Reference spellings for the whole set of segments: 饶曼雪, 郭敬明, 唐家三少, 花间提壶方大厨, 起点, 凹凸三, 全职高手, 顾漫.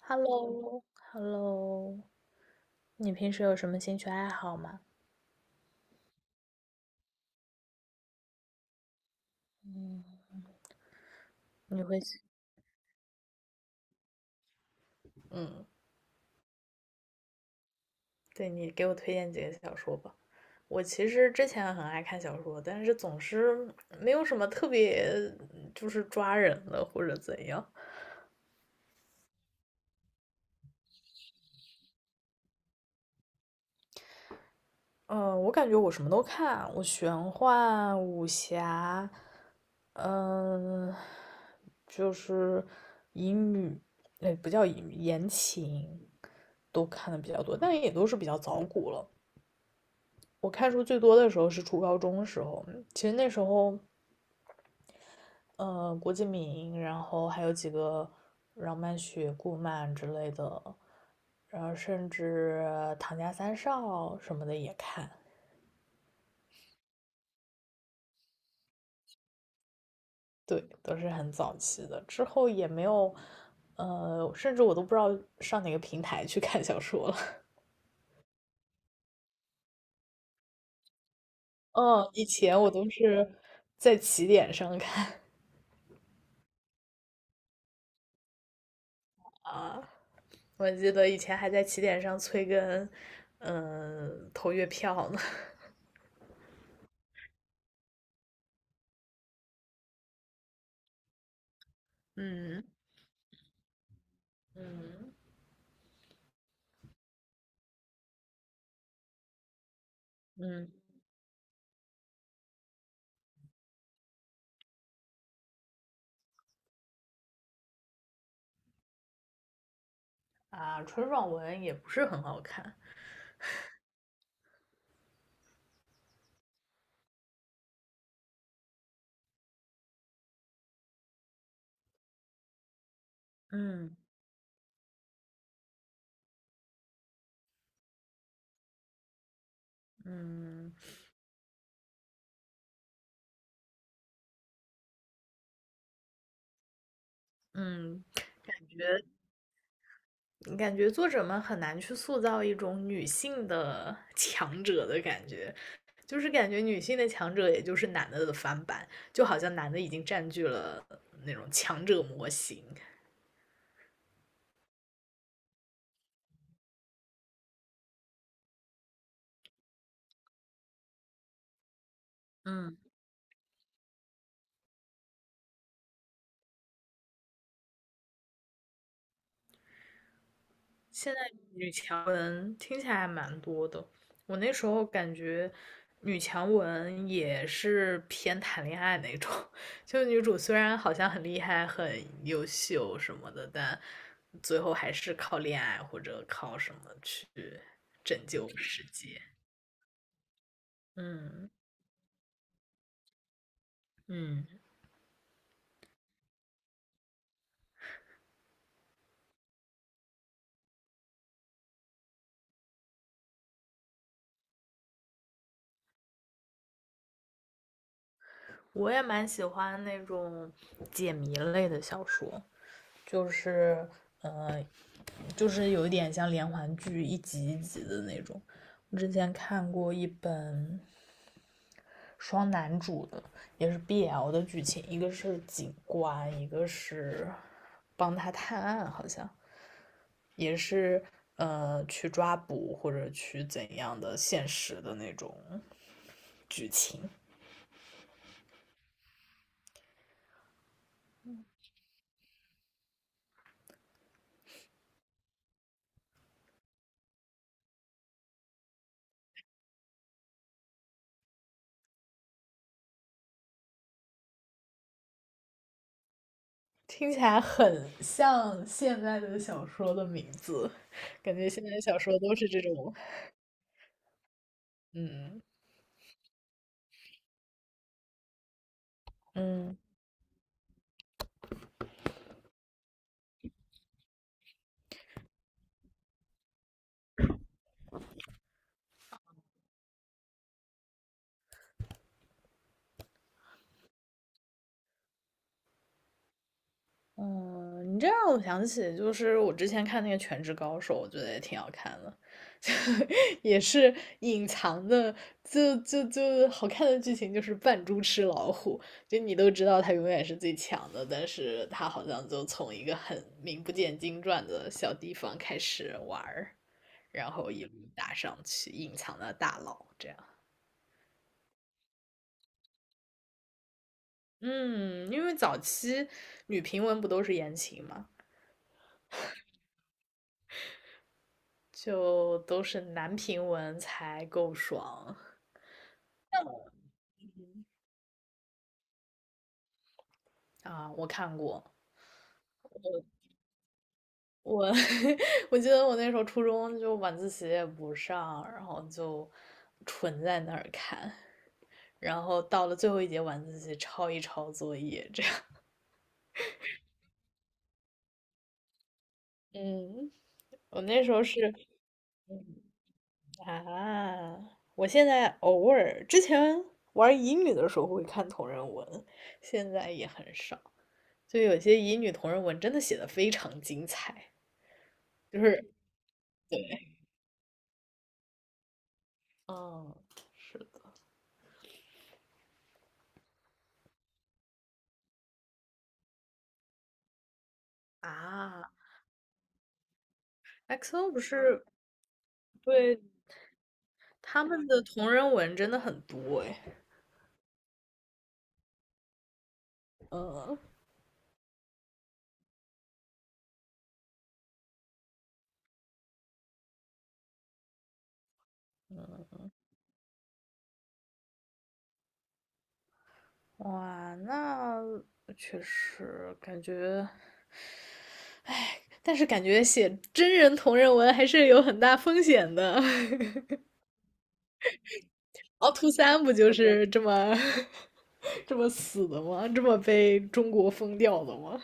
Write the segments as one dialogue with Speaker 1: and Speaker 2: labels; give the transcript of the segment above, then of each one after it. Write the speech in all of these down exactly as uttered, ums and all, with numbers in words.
Speaker 1: Hello,Hello,你平时有什么兴趣爱好吗？嗯。你会喜嗯，对，你给我推荐几个小说吧。我其实之前很爱看小说，但是总是没有什么特别，就是抓人的或者怎样。嗯，我感觉我什么都看，我玄幻、武侠，嗯，就是乙女，哎，不叫乙女，言情都看的比较多，但也都是比较早古了。我看书最多的时候是初高中的时候，其实那时候，呃，郭敬明，然后还有几个饶曼雪、顾漫之类的，然后甚至唐家三少什么的也看，对，都是很早期的。之后也没有，呃，甚至我都不知道上哪个平台去看小说了。嗯，以前我都是在起点上看，我记得以前还在起点上催更，嗯、呃投月票呢。嗯，嗯嗯。啊，纯爽文也不是很好看。嗯嗯嗯，感觉感觉作者们很难去塑造一种女性的 强者的感觉，就是感觉女性的强者也就是男的的翻版，就好像男的已经占据了那种强者模型。嗯。现在女强文听起来还蛮多的，我那时候感觉女强文也是偏谈恋爱那种，就女主虽然好像很厉害、很优秀什么的，但最后还是靠恋爱或者靠什么去拯救世界。嗯。嗯，我也蛮喜欢那种解谜类的小说，就是呃，就是有一点像连环剧一集一集的那种。我之前看过一本双男主的，也是 B L 的剧情，一个是警官，一个是帮他探案，好像也是呃去抓捕或者去怎样的现实的那种剧情。听起来很像现在的小说的名字，感觉现在小说都是这种，嗯。嗯，嗯，你这让我想起，就是我之前看那个《全职高手》，我觉得也挺好看的，也是隐藏的，就就就好看的剧情就是扮猪吃老虎，就你都知道他永远是最强的，但是他好像就从一个很名不见经传的小地方开始玩儿，然后一路打上去，隐藏的大佬这样。嗯，因为早期女评文不都是言情嘛，就都是男评文才够爽。啊，我看过，我 我记得我那时候初中就晚自习也不上，然后就纯在那儿看，然后到了最后一节晚自习抄一抄作业，这样。嗯，我那时候是啊，我现在偶尔之前玩乙女的时候会看同人文，现在也很少。就有些乙女同人文真的写的非常精彩，就是嗯，是的。啊，X O 不是对。他们的同人文真的很多诶。嗯嗯，哇，那确实感觉，但是感觉写真人同人文还是有很大风险的。凹凸三不就是这么 这么死的吗？这么被中国封掉的吗？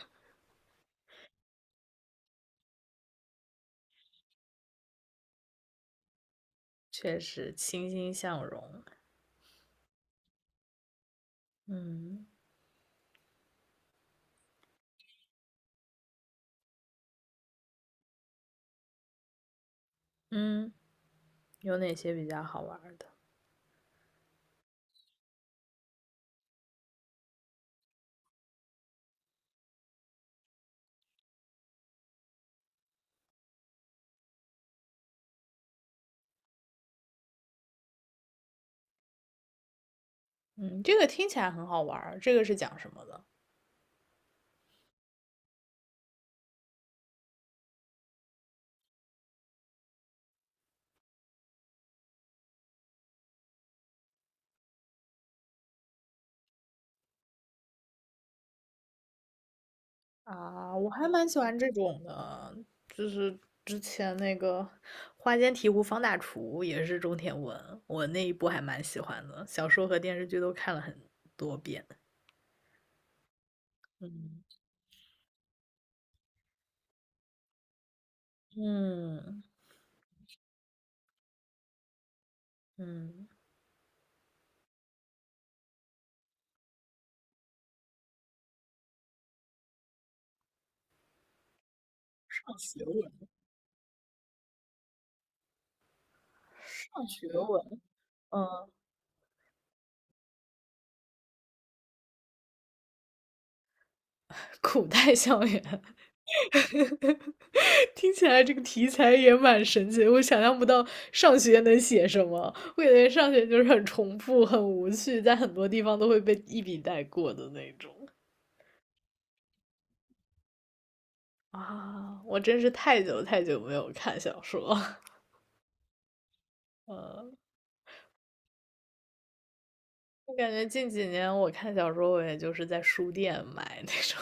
Speaker 1: 确实欣欣向荣。嗯嗯，有哪些比较好玩的？嗯，这个听起来很好玩儿。这个是讲什么的？啊，我还蛮喜欢这种的，就是之前那个《花间提壶方大厨》也是中田文，我那一部还蛮喜欢的，小说和电视剧都看了很多遍。嗯嗯嗯，上学文，上学文，嗯，古代校园。听起来这个题材也蛮神奇的，我想象不到上学能写什么。我感觉上学就是很重复、很无趣，在很多地方都会被一笔带过的那种。啊！我真是太久太久没有看小说，呃，我感觉近几年我看小说，我也就是在书店买那种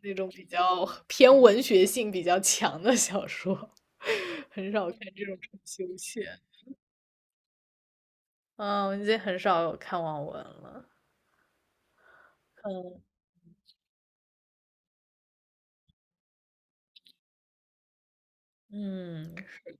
Speaker 1: 那种比较偏文学性比较强的小说，很少看这种休闲。嗯，我已经很少有看网文了。嗯，嗯，是。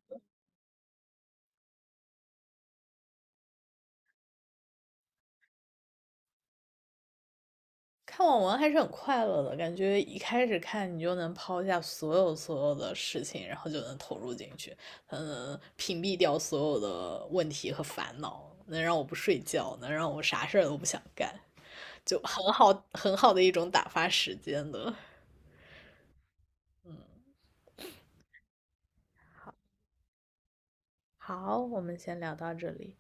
Speaker 1: 看网文还是很快乐的，感觉一开始看你就能抛下所有所有的事情，然后就能投入进去，嗯，屏蔽掉所有的问题和烦恼，能让我不睡觉，能让我啥事儿都不想干，就很好很好的一种打发时间的。嗯，好，我们先聊到这里。